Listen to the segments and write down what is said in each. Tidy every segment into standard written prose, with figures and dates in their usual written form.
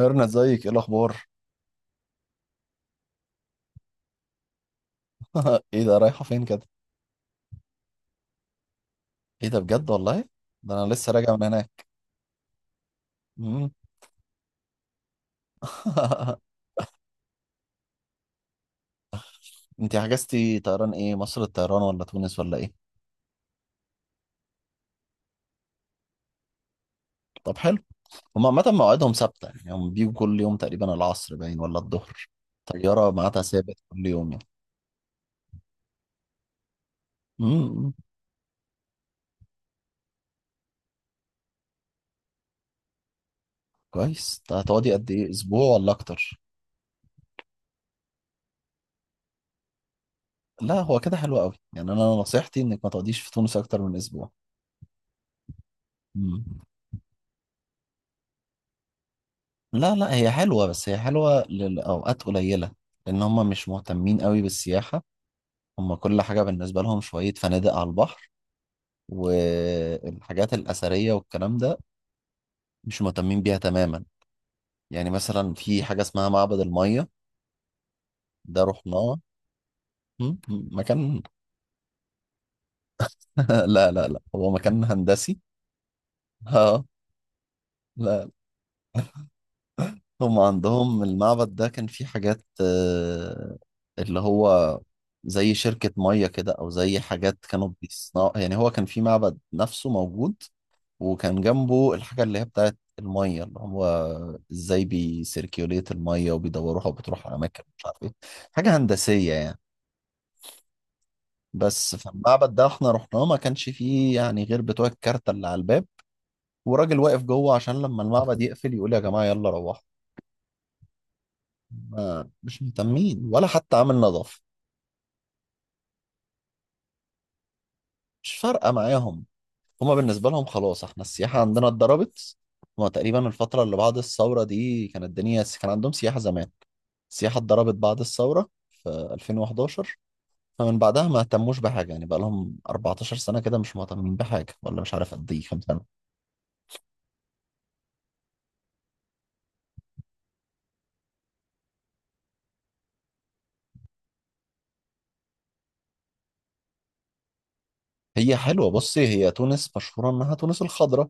ميرنا، ازيك؟ ايه الاخبار؟ ايه ده، رايحه فين كده؟ ايه ده بجد؟ والله ده انا لسه راجع من هناك. مم. انت حجزتي طيران ايه، مصر الطيران ولا تونس ولا ايه؟ طب حلو. هم عامه مواعيدهم ثابته؟ يعني هم بيجوا كل يوم تقريبا العصر باين ولا الظهر؟ طياره ميعادها ثابت كل يوم يعني. مم. كويس. ده هتقعدي قد ايه، اسبوع ولا اكتر؟ لا هو كده حلو قوي، يعني انا نصيحتي انك ما تقعديش في تونس اكتر من اسبوع. مم. لا لا، هي حلوة، بس هي حلوة لأوقات قليلة، لأن هم مش مهتمين قوي بالسياحة. هم كل حاجة بالنسبة لهم شوية فنادق على البحر، والحاجات الأثرية والكلام ده مش مهتمين بيها تماما. يعني مثلا في حاجة اسمها معبد المية، ده رحناه. مكان. لا لا لا، هو مكان هندسي. اه. لا، هم عندهم المعبد ده كان فيه حاجات اللي هو زي شركة مية كده، أو زي حاجات كانوا بيصنعوا. يعني هو كان فيه معبد نفسه موجود، وكان جنبه الحاجة اللي هي بتاعت المية، اللي هو ازاي بيسيركيوليت المية وبيدوروها وبتروح على أماكن مش عارف ايه. حاجة هندسية يعني. بس فالمعبد ده احنا رحناه ما كانش فيه يعني غير بتوع الكارتة اللي على الباب، وراجل واقف جوه عشان لما المعبد يقفل يقول يا جماعة يلا روحوا. ما مش مهتمين، ولا حتى عامل نظافة. مش فارقة معاهم. هما بالنسبة لهم خلاص احنا السياحة عندنا اتضربت. هما تقريبا الفترة اللي بعد الثورة دي كانت الدنيا كان عندهم سياحة زمان. السياحة اتضربت بعد الثورة في 2011. فمن بعدها ما اهتموش بحاجة. يعني بقى لهم 14 سنة كده مش مهتمين بحاجة، ولا مش عارف قد ايه كام سنة. هي حلوة. بصي، هي تونس مشهورة انها تونس الخضراء.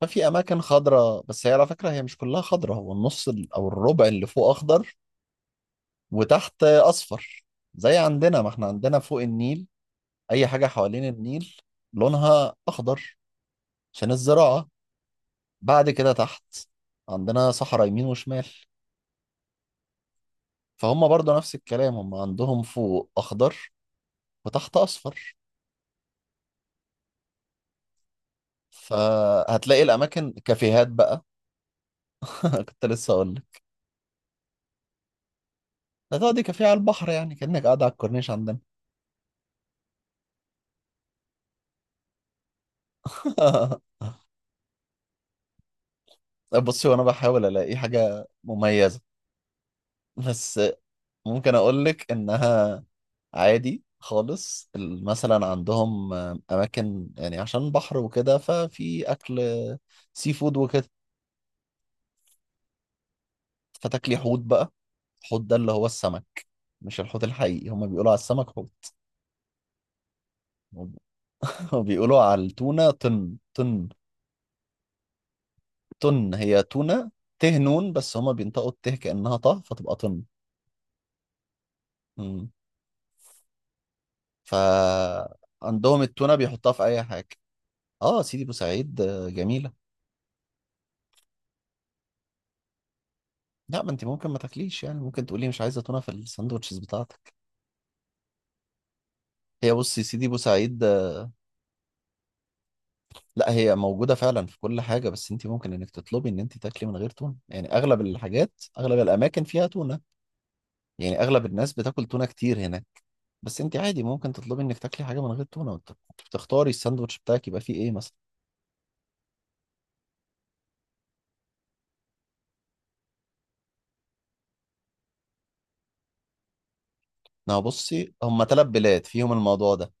ففي اماكن خضراء، بس هي على فكرة هي مش كلها خضراء. هو النص او الربع اللي فوق اخضر، وتحت اصفر. زي عندنا، ما احنا عندنا فوق النيل اي حاجه حوالين النيل لونها اخضر عشان الزراعه. بعد كده تحت عندنا صحراء يمين وشمال. فهم برضو نفس الكلام، هم عندهم فوق اخضر وتحت اصفر. فهتلاقي الاماكن كافيهات بقى. كنت لسه اقول لك. هتقعدي كافيه على البحر، يعني كانك قاعده على الكورنيش عندنا. بصي، وانا بحاول الاقي حاجه مميزه. بس ممكن اقول لك انها عادي خالص. مثلا عندهم اماكن يعني عشان بحر وكده، ففي اكل سي فود وكده. فتاكلي حوت بقى. الحوت ده اللي هو السمك، مش الحوت الحقيقي. هما بيقولوا على السمك حوت. وبيقولوا على التونة طن طن. طن هي تونة. ته نون، بس هما بينطقوا الته كأنها طه فتبقى طن. مم. فعندهم التونة بيحطها في أي حاجة. اه سيدي بوسعيد جميلة. لا، ما انت ممكن ما تاكليش. يعني ممكن تقولي مش عايزه تونه في الساندوتشز بتاعتك. هي بصي، يا سيدي بورسعيد. لا هي موجوده فعلا في كل حاجه، بس انت ممكن انك تطلبي ان انت تاكلي من غير تونه. يعني اغلب الحاجات، اغلب الاماكن فيها تونه. يعني اغلب الناس بتاكل تونه كتير هناك. بس انت عادي ممكن تطلبي انك تاكلي حاجه من غير تونه، تختاري الساندوتش بتاعك يبقى فيه ايه مثلا. ما بصي، هم ثلاث بلاد فيهم الموضوع ده: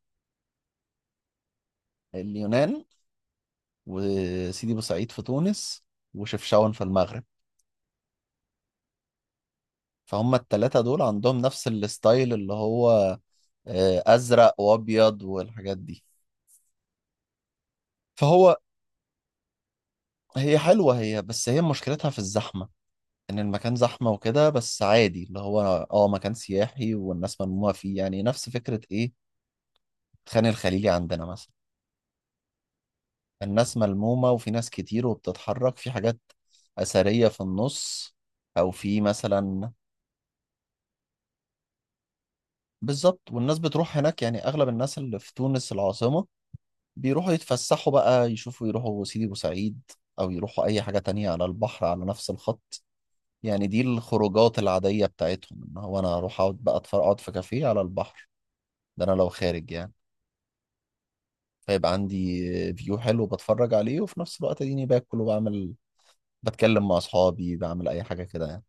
اليونان، وسيدي بورسعيد في تونس، وشفشاون في المغرب. فهم الثلاثة دول عندهم نفس الستايل، اللي هو ازرق وابيض والحاجات دي. فهو هي حلوه، هي بس هي مشكلتها في الزحمه. ان المكان زحمه وكده، بس عادي اللي هو اه مكان سياحي والناس ملمومه فيه. يعني نفس فكره ايه؟ خان الخليلي عندنا مثلا. الناس ملمومه وفي ناس كتير وبتتحرك في حاجات اثريه في النص، او في مثلا. بالظبط، والناس بتروح هناك. يعني اغلب الناس اللي في تونس العاصمه بيروحوا يتفسحوا بقى، يشوفوا، يروحوا سيدي بوسعيد، او يروحوا اي حاجه تانية على البحر على نفس الخط. يعني دي الخروجات العادية بتاعتهم، ان هو انا اروح اقعد بقى اتفرج، اقعد في كافيه على البحر. ده انا لو خارج يعني. فيبقى عندي فيو حلو بتفرج عليه، وفي نفس الوقت اديني باكل وبعمل، بتكلم مع اصحابي، بعمل اي حاجة كده يعني.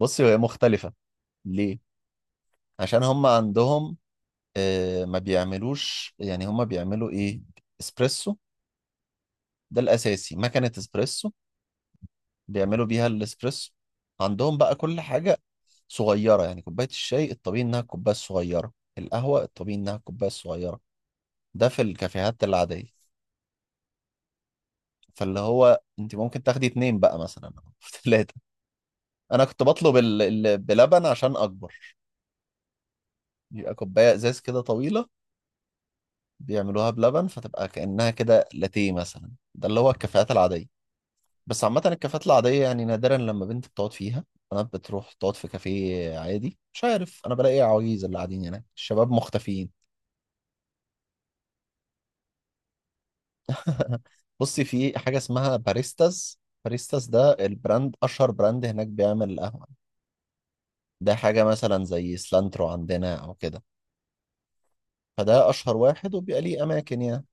بصي، هي مختلفة. ليه؟ عشان هم عندهم ما بيعملوش. يعني هم بيعملوا ايه؟ اسبريسو. ده الاساسي، مكنة اسبريسو بيعملوا بيها الاسبريسو. عندهم بقى كل حاجة صغيرة، يعني كوباية الشاي الطبيعي إنها الكوباية الصغيرة، القهوة الطبيعي إنها الكوباية الصغيرة. ده في الكافيهات العادية. فاللي هو أنت ممكن تاخدي اتنين بقى مثلا، أو تلاتة. أنا كنت بطلب ال... بلبن عشان أكبر، يبقى كوباية إزاز كده طويلة بيعملوها بلبن فتبقى كأنها كده لاتيه مثلا. ده اللي هو الكافيهات العادية. بس عامة الكافيهات العادية يعني نادرا لما بنت بتقعد فيها. أنا بتروح تقعد في كافيه عادي، مش عارف، أنا بلاقي عواجيز اللي قاعدين هناك، الشباب مختفيين. بصي، في حاجة اسمها باريستاز. باريستاز ده البراند، أشهر براند هناك بيعمل القهوة. ده حاجة مثلا زي سلانترو عندنا أو كده. فده أشهر واحد، وبيبقى ليه أماكن يعني.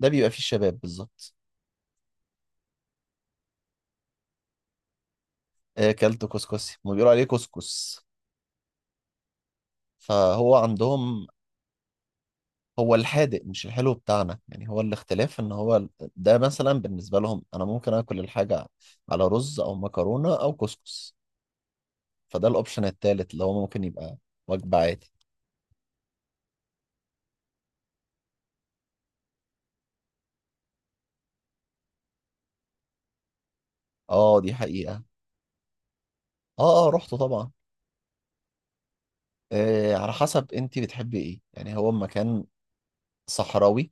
ده بيبقى فيه الشباب بالظبط. كلت كسكسي. ما بيقولوا عليه كسكس. فهو عندهم هو الحادق مش الحلو بتاعنا. يعني هو الاختلاف ان هو ده مثلا بالنسبة لهم انا ممكن اكل الحاجة على رز او مكرونة او كسكس. فده الاوبشن التالت اللي هو ممكن يبقى وجبة عادي. اه دي حقيقة. اه اه، رحت طبعا. آه، على حسب انت بتحبي ايه. يعني هو مكان صحراوي.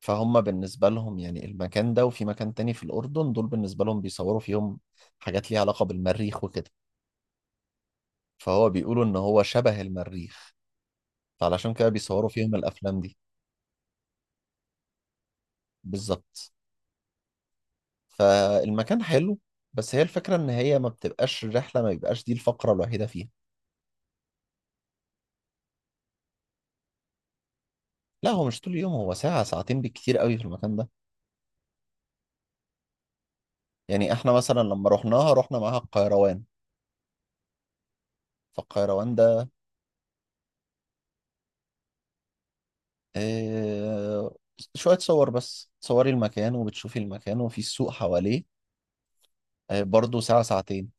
فهم بالنسبة لهم يعني المكان ده وفي مكان تاني في الأردن، دول بالنسبة لهم بيصوروا فيهم حاجات ليها علاقة بالمريخ وكده. فهو بيقولوا إن هو شبه المريخ، فعلشان كده بيصوروا فيهم الأفلام دي. بالظبط. فالمكان حلو، بس هي الفكرة ان هي ما بتبقاش الرحلة، ما بيبقاش دي الفقرة الوحيدة فيها. لا هو مش طول اليوم، هو ساعة ساعتين بالكتير قوي في المكان ده. يعني احنا مثلا لما رحناها رحنا معاها القيروان. فالقيروان ده آه شوية صور بس، تصوري المكان وبتشوفي المكان وفي السوق حواليه. آه، برضه ساعة ساعتين.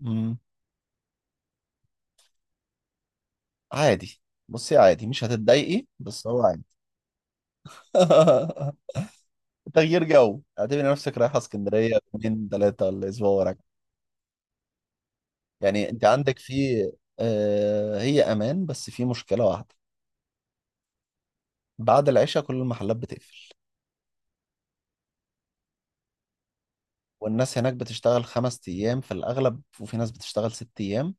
مم. عادي. بصي، عادي مش هتتضايقي، بس هو عادي. تغيير جو، اعتبري نفسك رايحة اسكندرية يومين ثلاثة ولا اسبوع ورا. يعني انت عندك في هي امان، بس في مشكله واحده. بعد العشاء كل المحلات بتقفل. والناس هناك بتشتغل خمس ايام في الاغلب، وفي ناس بتشتغل ست ايام.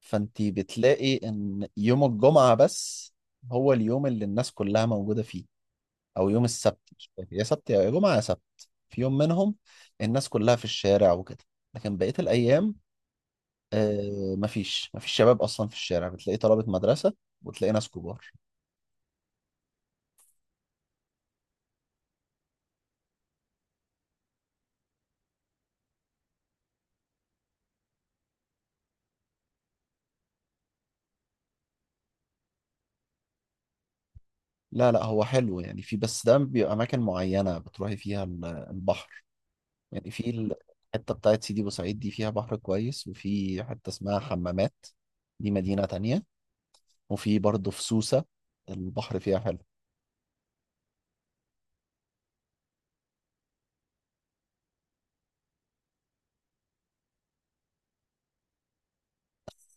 فانت بتلاقي ان يوم الجمعه بس هو اليوم اللي الناس كلها موجوده فيه، او يوم السبت، مش فاكر، يا سبت يا جمعه، يا سبت. في يوم منهم الناس كلها في الشارع وكده. لكن بقيه الايام مفيش شباب اصلا في الشارع، بتلاقي طلبه مدرسه وتلاقي ناس كبار. لا لا، هو حلو يعني. في، بس ده بيبقى أماكن معينة بتروحي فيها البحر. يعني في الحتة بتاعت سيدي بوسعيد دي فيها بحر كويس. وفي حتة اسمها حمامات، دي مدينة تانية. وفي برضه في سوسة، البحر فيها حلو.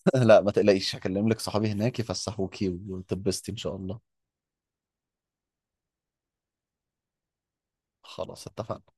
لا ما تقلقيش، هكلم لك صحابي هناك يفسحوكي وتبسطي إن شاء الله. خلاص اتفقنا.